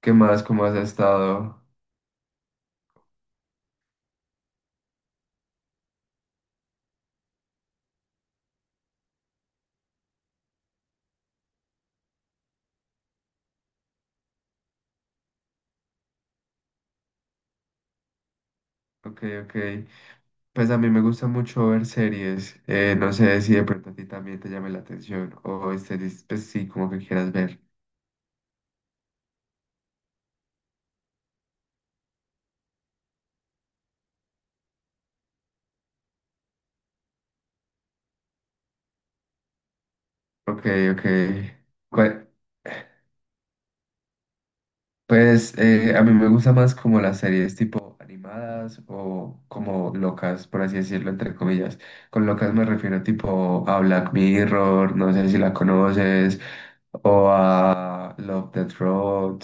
¿Qué más? ¿Cómo has estado? Ok, ok. Pues a mí me gusta mucho ver series. No sé si de pronto a ti también te llame la atención o series, pues sí, como que quieras ver. Ok, ok. ¿Cuál- Pues a mí me gusta más como las series tipo animadas o como locas, por así decirlo, entre comillas. Con locas me refiero tipo a Black Mirror, no sé si la conoces, o a Love, Death Road.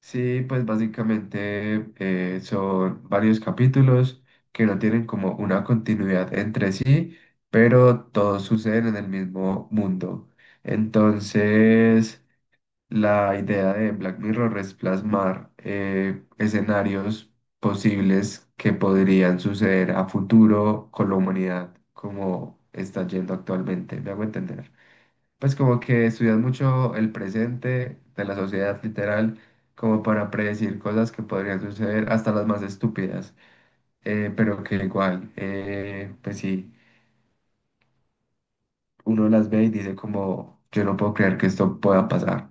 Sí, pues básicamente son varios capítulos que no tienen como una continuidad entre sí, pero todos suceden en el mismo mundo. Entonces, la idea de Black Mirror es plasmar escenarios posibles que podrían suceder a futuro con la humanidad como está yendo actualmente. ¿Me hago entender? Pues como que estudias mucho el presente de la sociedad literal, como para predecir cosas que podrían suceder, hasta las más estúpidas, pero que igual, pues sí, uno las ve y dice como, yo no puedo creer que esto pueda pasar,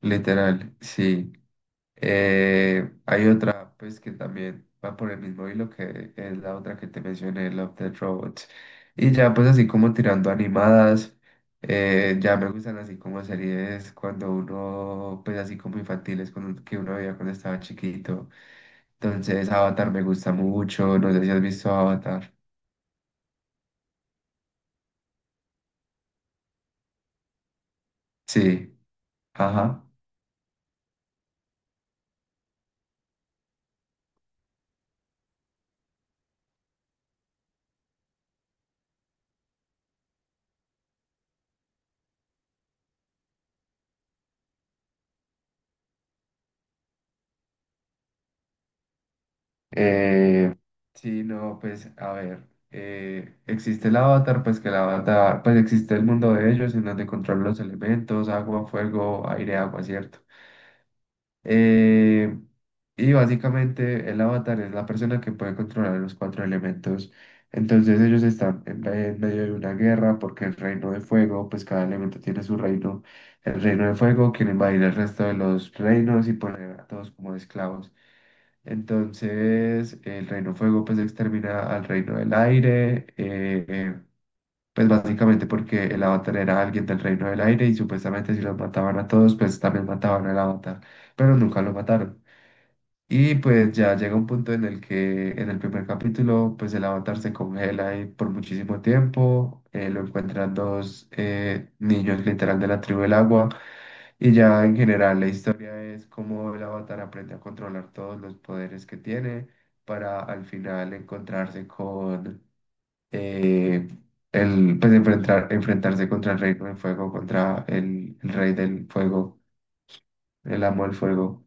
literal, sí. Hay otra, pues, que también va por el mismo hilo que es la otra que te mencioné, Love, Death Robots. Y ya, pues, así como tirando animadas, ya me gustan así como series cuando uno, pues, así como infantiles, cuando, que uno veía cuando estaba chiquito. Entonces, Avatar me gusta mucho. No sé si has visto Avatar. Sí, ajá. Eh, sí, no, pues a ver, existe el avatar, pues existe el mundo de ellos en donde controlan los elementos, agua, fuego, aire, agua, ¿cierto? Eh, y básicamente el avatar es la persona que puede controlar los cuatro elementos. Entonces ellos están en, en medio de una guerra porque el reino de fuego, pues cada elemento tiene su reino. El reino de fuego quiere invadir el resto de los reinos y poner a todos como esclavos. Entonces, el reino fuego pues extermina al reino del aire, pues básicamente porque el avatar era alguien del reino del aire y supuestamente si los mataban a todos, pues también mataban al avatar, pero nunca lo mataron. Y pues ya llega un punto en el que en el primer capítulo, pues el avatar se congela ahí por muchísimo tiempo, lo encuentran dos niños literal de la tribu del agua, y ya en general la historia es cómo el avatar aprende a controlar todos los poderes que tiene para al final encontrarse con eh, el, pues enfrentarse contra el reino del fuego, contra el rey del fuego, el amo del fuego.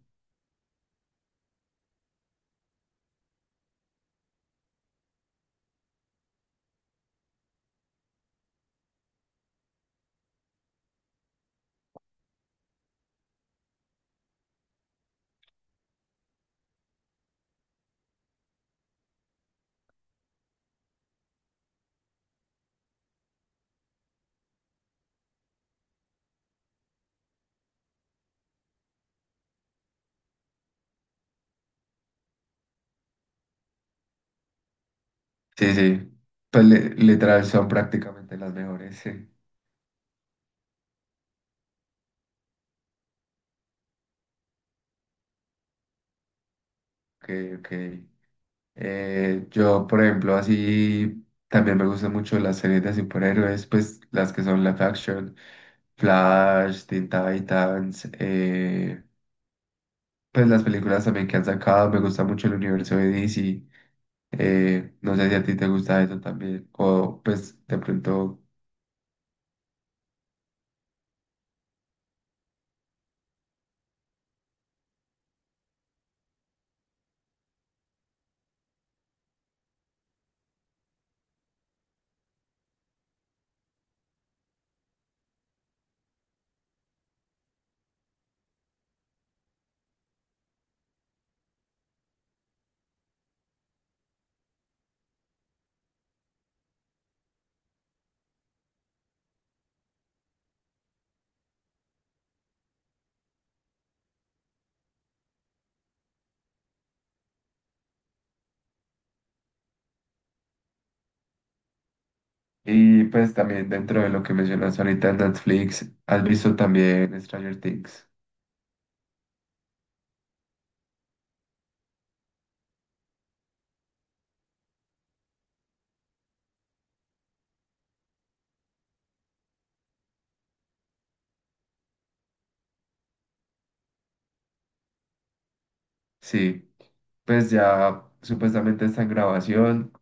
Sí, sí. Pues literal son prácticamente las mejores. Sí. Ok, ok. Yo, por ejemplo, así también me gustan mucho las series de superhéroes, pues las que son live action, Flash, Teen Titans, pues las películas también que han sacado, me gusta mucho el universo de DC. No sé si a ti te gusta eso también, o pues de pronto, y pues también dentro de lo que mencionas ahorita en Netflix, ¿has visto también Stranger Things? Sí, pues ya supuestamente está en grabación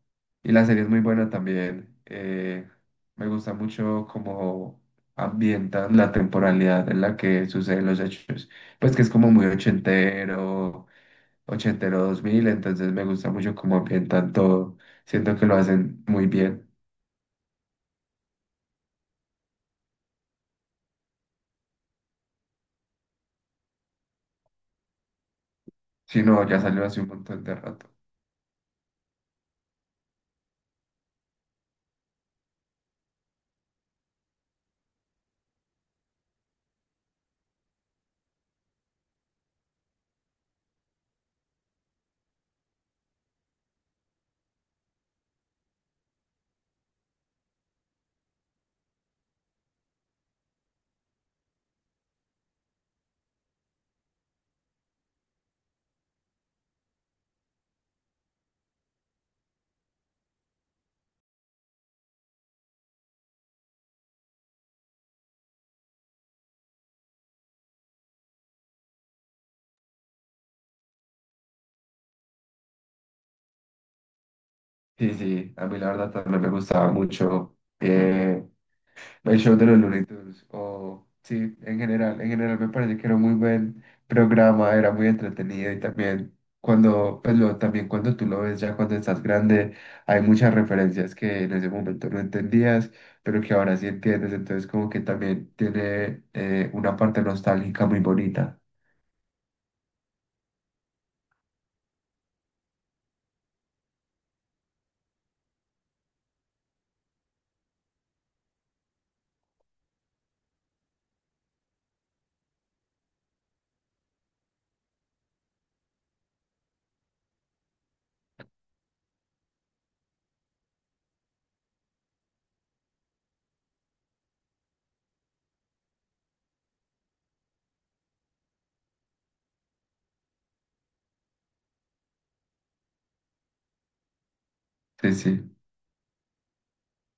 y la serie es muy buena también. Me gusta mucho cómo ambientan la temporalidad en la que suceden los hechos. Pues que es como muy ochentero, ochentero 2000, entonces me gusta mucho cómo ambientan todo. Siento que lo hacen muy bien. Si no, ya salió hace un montón de rato. Sí, sí, a mí la verdad también me gustaba mucho. El show de los Looney Tunes, o sí, en general me parece que era un muy buen programa, era muy entretenido y también cuando, pues lo, también cuando tú lo ves ya cuando estás grande, hay muchas referencias que en ese momento no entendías, pero que ahora sí entiendes, entonces como que también tiene una parte nostálgica muy bonita. Sí, sí.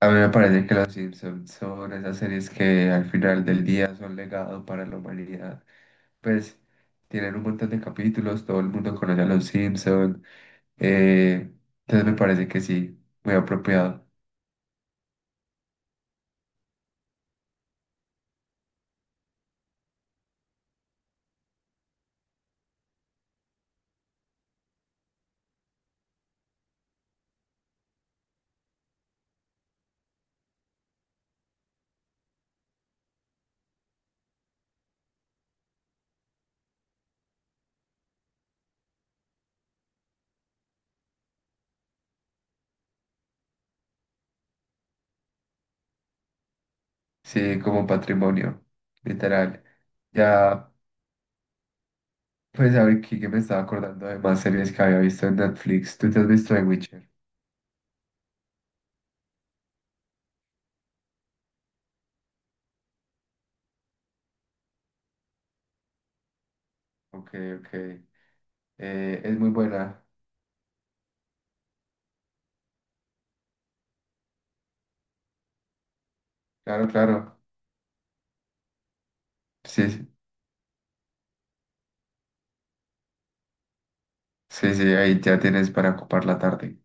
A mí me parece que Los Simpsons son esas series que al final del día son legado para la humanidad. Pues tienen un montón de capítulos, todo el mundo conoce a Los Simpsons. eh, entonces me parece que sí, muy apropiado. Sí, como patrimonio, literal. Ya, pues a ver, aquí que me estaba acordando de más series que había visto en Netflix. ¿Tú te has visto The Witcher? Ok, ok. Es muy buena. Claro, claro. Sí, sí, sí, ahí ya tienes para ocupar la tarde.